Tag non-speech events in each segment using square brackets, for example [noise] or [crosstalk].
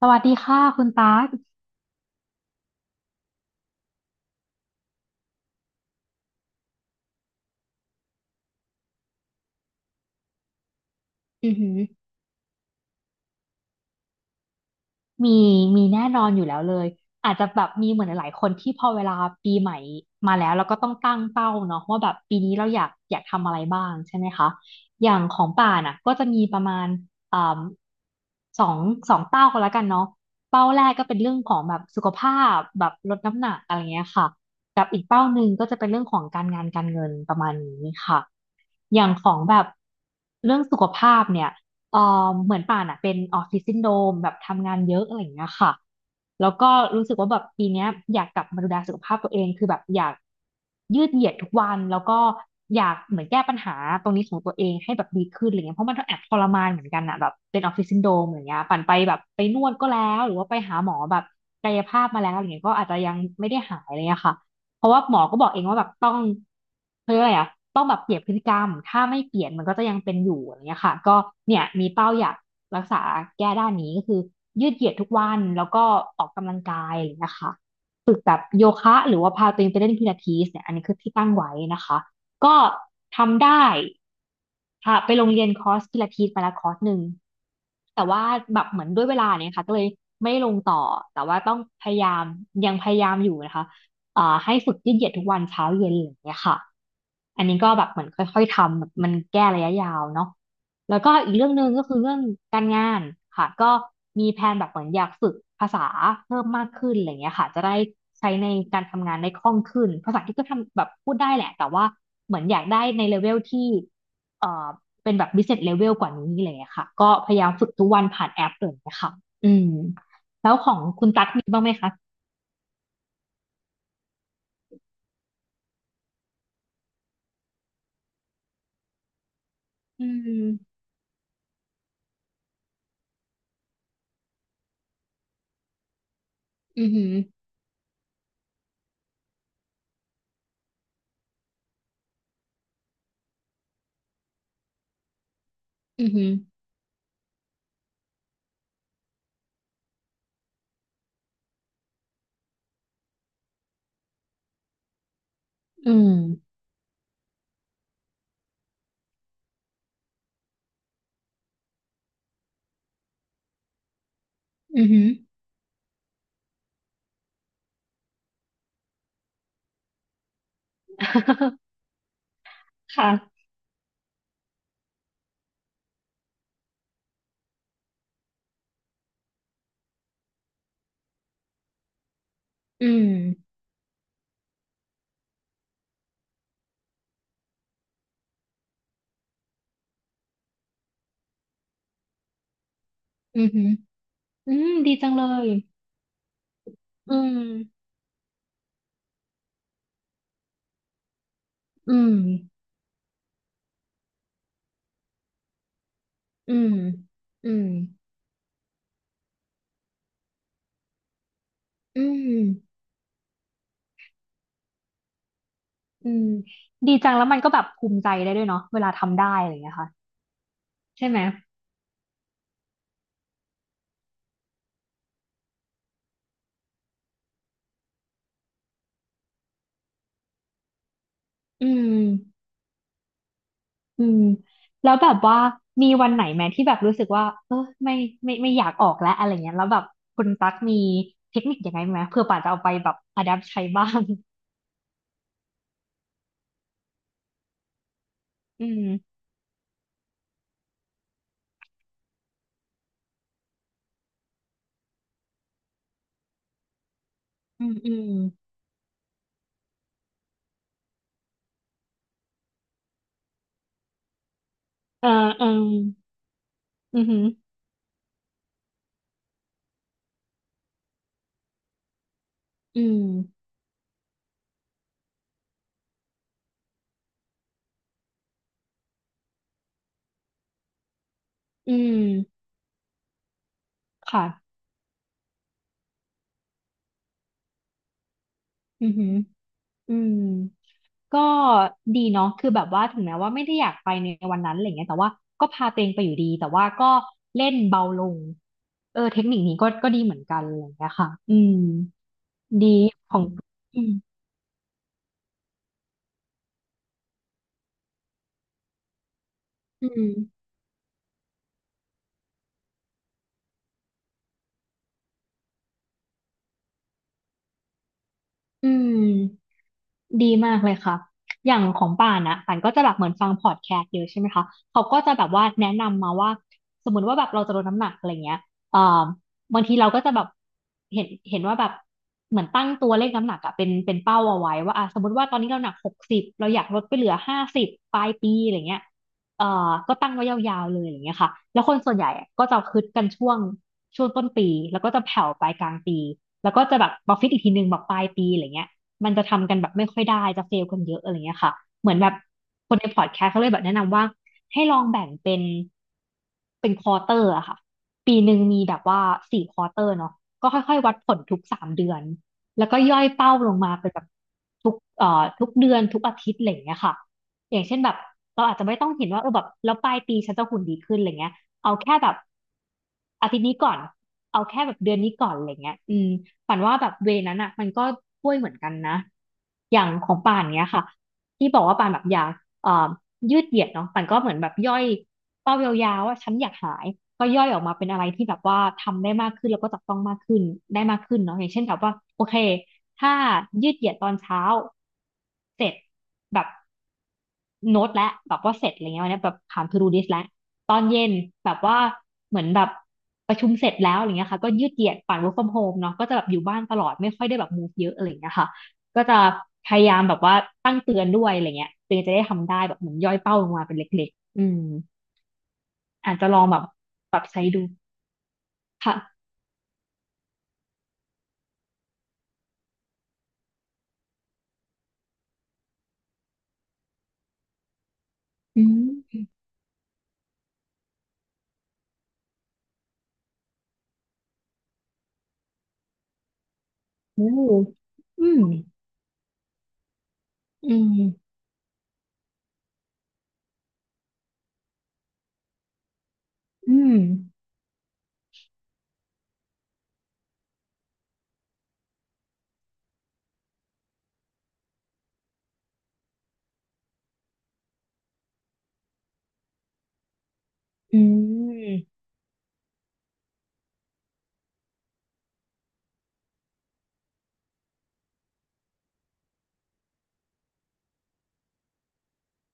สวัสดีค่ะคุณตาร์กอือหือมีมีแน่นอนอยู่แล้วเลยอาจจะแบบมีเหมือนหลายๆคนที่พอเวลาปีใหม่มาแล้วเราก็ต้องตั้งเป้าเนาะว่าแบบปีนี้เราอยากทำอะไรบ้างใช่ไหมคะอย่างของป่านอ่ะก็จะมีประมาณอ่าสองสองเป้าก็แล้วกันเนาะเป้าแรกก็เป็นเรื่องของแบบสุขภาพแบบลดน้ำหนักอะไรเงี้ยค่ะกับอีกเป้าหนึ่งก็จะเป็นเรื่องของการงานการเงินประมาณนี้ค่ะอย่างของแบบเรื่องสุขภาพเนี่ย เอ่อเหมือนป่านอ่ะเป็นออฟฟิศซินโดรมแบบทำงานเยอะอะไรอย่างเงี้ยค่ะแล้วก็รู้สึกว่าแบบปีเนี้ยอยากกลับมาดูแลสุขภาพตัวเองคือแบบอยากยืดเหยียดทุกวันแล้วก็อยากเหมือนแก้ปัญหาตรงนี้ของตัวเองให้แบบดีขึ้นอะไรเงี้ยเพราะมันก็แอบทรมานเหมือนกันอ่ะแบบเป็นออฟฟิศซินโดรมอะไรเงี้ยป่านไปแบบไปนวดก็แล้วหรือว่าไปหาหมอแบบกายภาพมาแล้วอะไรเงี้ยก็อาจจะยังไม่ได้หายอะไรเลยอะค่ะ เพราะว่าหมอก็บอกเองว่าแบบต้องเขาเรียกอะไรอะต้องแบบเปลี่ยนพฤติกรรมถ้าไม่เปลี่ยนมันก็จะยังเป็นอยู่อะไรเงี้ยค่ะก็เนี่ยมีเป้าอยากรักษาแก้ด้านนี้ก็คือยืดเหยียดทุกวันแล้วก็ออกกำลังกายอะไรเลยนะคะ โยคะหรือว่าพาตัวเองไปเล่นพิลาทิสเนี่ยอันนี้คือที่ตั้งไว้นะคะก็ทำได้ค่ะไปโรงเรียนคอร์สพิลาทิสไปแล้วคอร์สหนึ่งแต่ว่าแบบเหมือนด้วยเวลาเนี่ยค่ะก็เลยไม่ลงต่อแต่ว่าต้องพยายามยังพยายามอยู่นะคะให้ฝึกยืดเหยียดทุกวันเช้าเย็นออย่างเงี้ยค่ะอันนี้ก็แบบเหมือนค่อยๆทำแบบมันแก้ระยะยาวเนาะ แล้วก็อีกเรื่องหนึ่งก็คือเรื่องการงานค่ะก็มีแผนแบบเหมือนอยากฝึกภาษาเพิ่มมากขึ้นอะไรเงี้ยค่ะจะได้ใช้ในการทำงานได้คล่องขึ้นภาษาที่ก็ทำแบบพูดได้แหละแต่ว่าเหมือนอยากได้ในเลเวลที่เอ่อเป็นแบบ business level กว่านี้อะไรเงี้ยค่ะก็พยายามฝึกทุกวันผ่านแอปเลยนะคะอืมแล้วของคุณตั๊กมีบ้างไหมคะอืมอือหืออือหืออืมอือหือ [laughs] ค่ะอืมอือหืออืมดีจังเลย อืมอืมอืมอืมอืมอืมดีจังแล้วมันก็แบบภูมิใจได้ด้วยเนาะเวลาทำได้อะไรอย่างเงี้ยค่ะใช่ไหมอืมอืมแล้วแบบว่ามีวันไหนไหมที่แบบรู้สึกว่าเออไม่ไม่ไม่อยากออกแล้วอะไรเงี้ยแล้วแบบคุณตั๊กมีเทคนิคยังไงไหมเผื่อป่าจะเอาไปแบบอ d ดั t ใช้บ้างอืมอืมอืมเออเอออือหืออืมอืมค่ะอือหืออืม ก็ดีเนาะคือแบบว่าถึงแม้ว่าไม่ได้อยากไปในวันนั้นอะไรเงี้ยแต่ว่าก็พาตัวเองไปอยู่ดี แต่ว่าก็เล่นเบาลงเออเทคนิคนี้ก็ก็ดีเหมือนกันอะไรเงี้ยค่ะอืมดีของอืมอืมอืม ดีมากเลยค่ะอย่างของป่านนะป่านก็จะแบบเหมือนฟังพอดแคสต์เยอะใช่ไหมคะ เขาก็จะแบบว่าแนะนำมาว่าสมมติว่าแบบเราจะลดน้ำหนักอะไรเงี้ยเอ่อบางทีเราก็จะแบบเห็นว่าแบบเหมือนตั้งตัวเลขน้ำหนักอะเป็นเป้าเอาไว้ว่าอ่ะสมมติว่าตอนนี้เราหนัก60เราอยากลดไปเหลือ50ปลายปีอะไรเงี้ยเอ่อก็ตั้งไว้ยาวๆเลยอย่างเงี้ยค่ะแล้วคนส่วนใหญ่อะก็จะคึดกันช่วงต้นปีแล้วก็จะแผ่วไปกลางปีแล้วก็จะแบบมาฟิตอีกทีนึงแบบปลายปีอะไรเงี้ย มันจะทำกันแบบไม่ค่อยได้จะเฟลกันเยอะอะไรเงี้ยค่ะเหมือนแบบคนในพอดแคสต์เขาเลยแบบแนะนำว่าให้ลองแบ่งเป็นเป็นควอเตอร์อะค่ะปีหนึ่งมีแบบว่า4 ควอเตอร์เนาะก็ค่อยๆวัดผลทุก3 เดือนแล้วก็ย่อยเป้าลงมาเป็นแบบทุกเดือนทุกอาทิตย์อะไรอย่างเงี้ยค่ะอย่างเช่นแบบเราอาจจะไม่ต้องเห็นว่าเออแบบแล้วปลายปีฉันจะหุ่นดีขึ้นอะไรเงี้ยเอาแค่แบบอาทิตย์นี้ก่อนเอาแค่แบบเดือนนี้ก่อนอะไรเงี้ยอืม ฝันว่าแบบเวนั้นอ่ะมันก็ช่วยเหมือนกันนะ อย่างของป่านเนี้ยค่ะที่บอกว่าป่านแบบอยากเอ่อยืดเหยียดเนาะป่านก็เหมือนแบบย่อยเป้ายาวๆว่าฉันอยากหายก็ย่อยออกมาเป็นอะไรที่แบบว่าทำได้มากขึ้นแล้วก็จับต้องมากขึ้นได้มากขึ้นเนาะอย่างเช่นแบบว่าโอเคถ้ายืดเหยียดตอนเช้าเสร็จแบบโน้ตและแบบว่าเสร็จอะไรเงี้ยวันนี้แบบผ่าน to do list แล้วตอนเย็นแบบว่าเหมือนแบบประชุมเสร็จแล้วอะไรเงี้ยค่ะก็ยืดเหยียดปั่น work from home เนาะก็จะแบบอยู่บ้านตลอดไม่ค่อยได้แบบ move เยอะอะไรเงี้ยค่ะ ก็จะพยายามแบบว่าตั้งเตือนด้วยอะไรเงี้ยตัวเองจะได้ทำได้แบบเหมือนย่อยเป้าลงมาเป็นเล็กๆอืมอาจจะลองแบบปรับใช้ดูค่ะอืมโอ้อืมอืมอืมอืม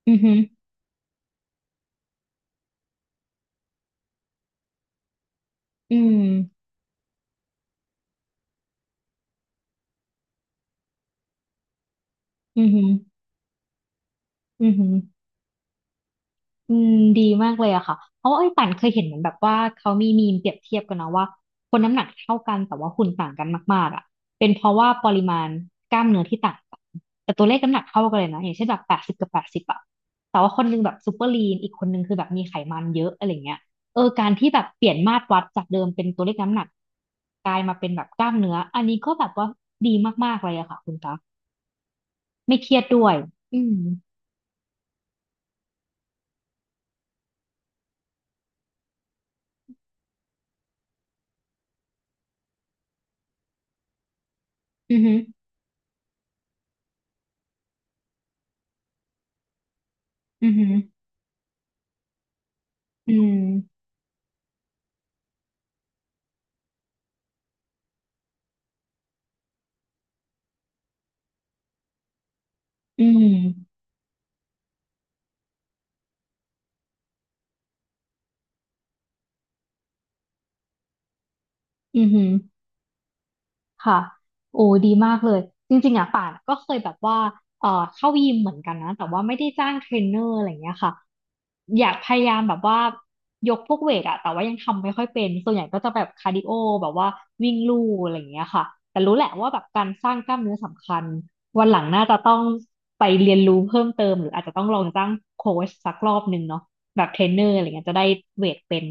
อืมอืมอืมอืมอืม อืมดีมากเลยอะค่ะเพราะว่าไอ้ยป่านเคยเห็นเหมือนแบบว่าเขามีมีมเปรียบเทียบกันเนาะว่าคนน้ำหนักเท่ากันแต่ว่าหุ่นต่างกันมากๆอะเป็นเพราะว่าปริมาณกล้ามเนื้อที่ต่างกันแต่ตัวเลขน้ำหนักเท่ากันเลยนะอย่างเช่นแบบแปดสิบกับแปดสิบอะแต่ว่าคนนึงแบบซูเปอร์ลีนอีกคนนึงคือแบบมีไขมันเยอะอะไรเงี้ยเออการที่แบบเปลี่ยนมาตรวัดจากเดิมเป็นตัวเลขน้ำหนักกลายมาเป็นแบบกล้ามเนื้ออันนี้ก็แบบว่าดีมากๆเลยอะค่ะคุณตาไม่เครียดด้วยอืมอือหืออือหืออืมอืม อือหือค่ะ โอ้ดีมากเลย จริงๆอ่ะป่านก็เคยแบบว่าเอ่อเข้ายิมเหมือนกันนะแต่ว่าไม่ได้จ้างเทรนเนอร์อะไรอย่างเงี้ยค่ะอยากพยายามแบบว่า ยกพวกเวทอะแต่ว่ายังทำไม่ค่อยเป็น ส่วนใหญ่ก็จะแบบคาร์ดิโอแบบว่าวิ่งลู่อะไรอย่างเงี้ยค่ะ แต่รู้แหละว่าแบบการสร้างกล้ามเนื้อสำคัญ วันหลังน่าจะต้องไปเรียนรู้เพิ่มเติมหรืออาจจะต้องลองจ้างโค้ชสักรอบหนึ่งเนาะแบบเทรนเนอร์อะไรเงี้ยจะได้เวทเป็น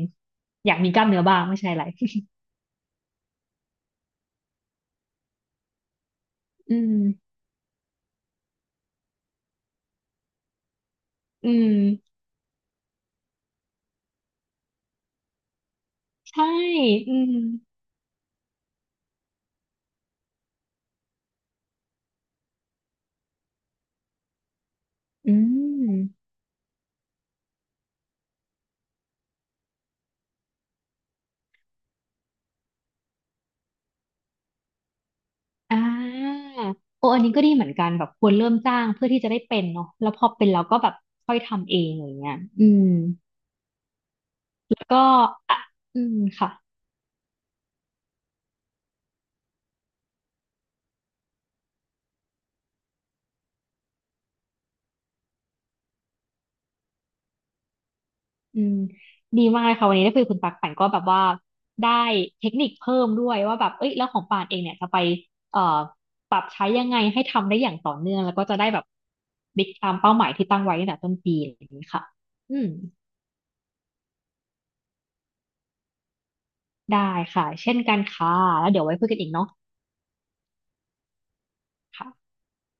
อยากมีกล้ามเนื้อบ้างไม่ใช่อะไร [laughs] อืมอืม ใช่อืมอืมอ่าโออันนี้ก็ดีเหมือนกันแบบควรเริ่มจ้างเพื่อที่จะได้เป็นเนาะแล้วพอเป็นแล้วก็แบบค่อยทำเองอย่างเงี้ยอืมแล้วก็อ่ะอืมค่ะอืมดีมากเลยค่ะวันนี้ได้คุยกับคุณปักป่นก็แบบว่าได้เทคนิคเพิ่มด้วยว่าแบบเอ้ยแล้วของป่านเองเนี่ยจะไปเอ่อปรับใช้ยังไงให้ทำได้อย่างต่อเนื่องแล้วก็จะได้แบบบิ๊กตามเป้าหมายที่ตั้งไว้ตั้งแต่ต้นปีอย่างนี้ค่ะอืมได้ค่ะเช่นกันค่ะแล้วเดี๋ยวไว้คุยกันอีกเนาะ ค่ะ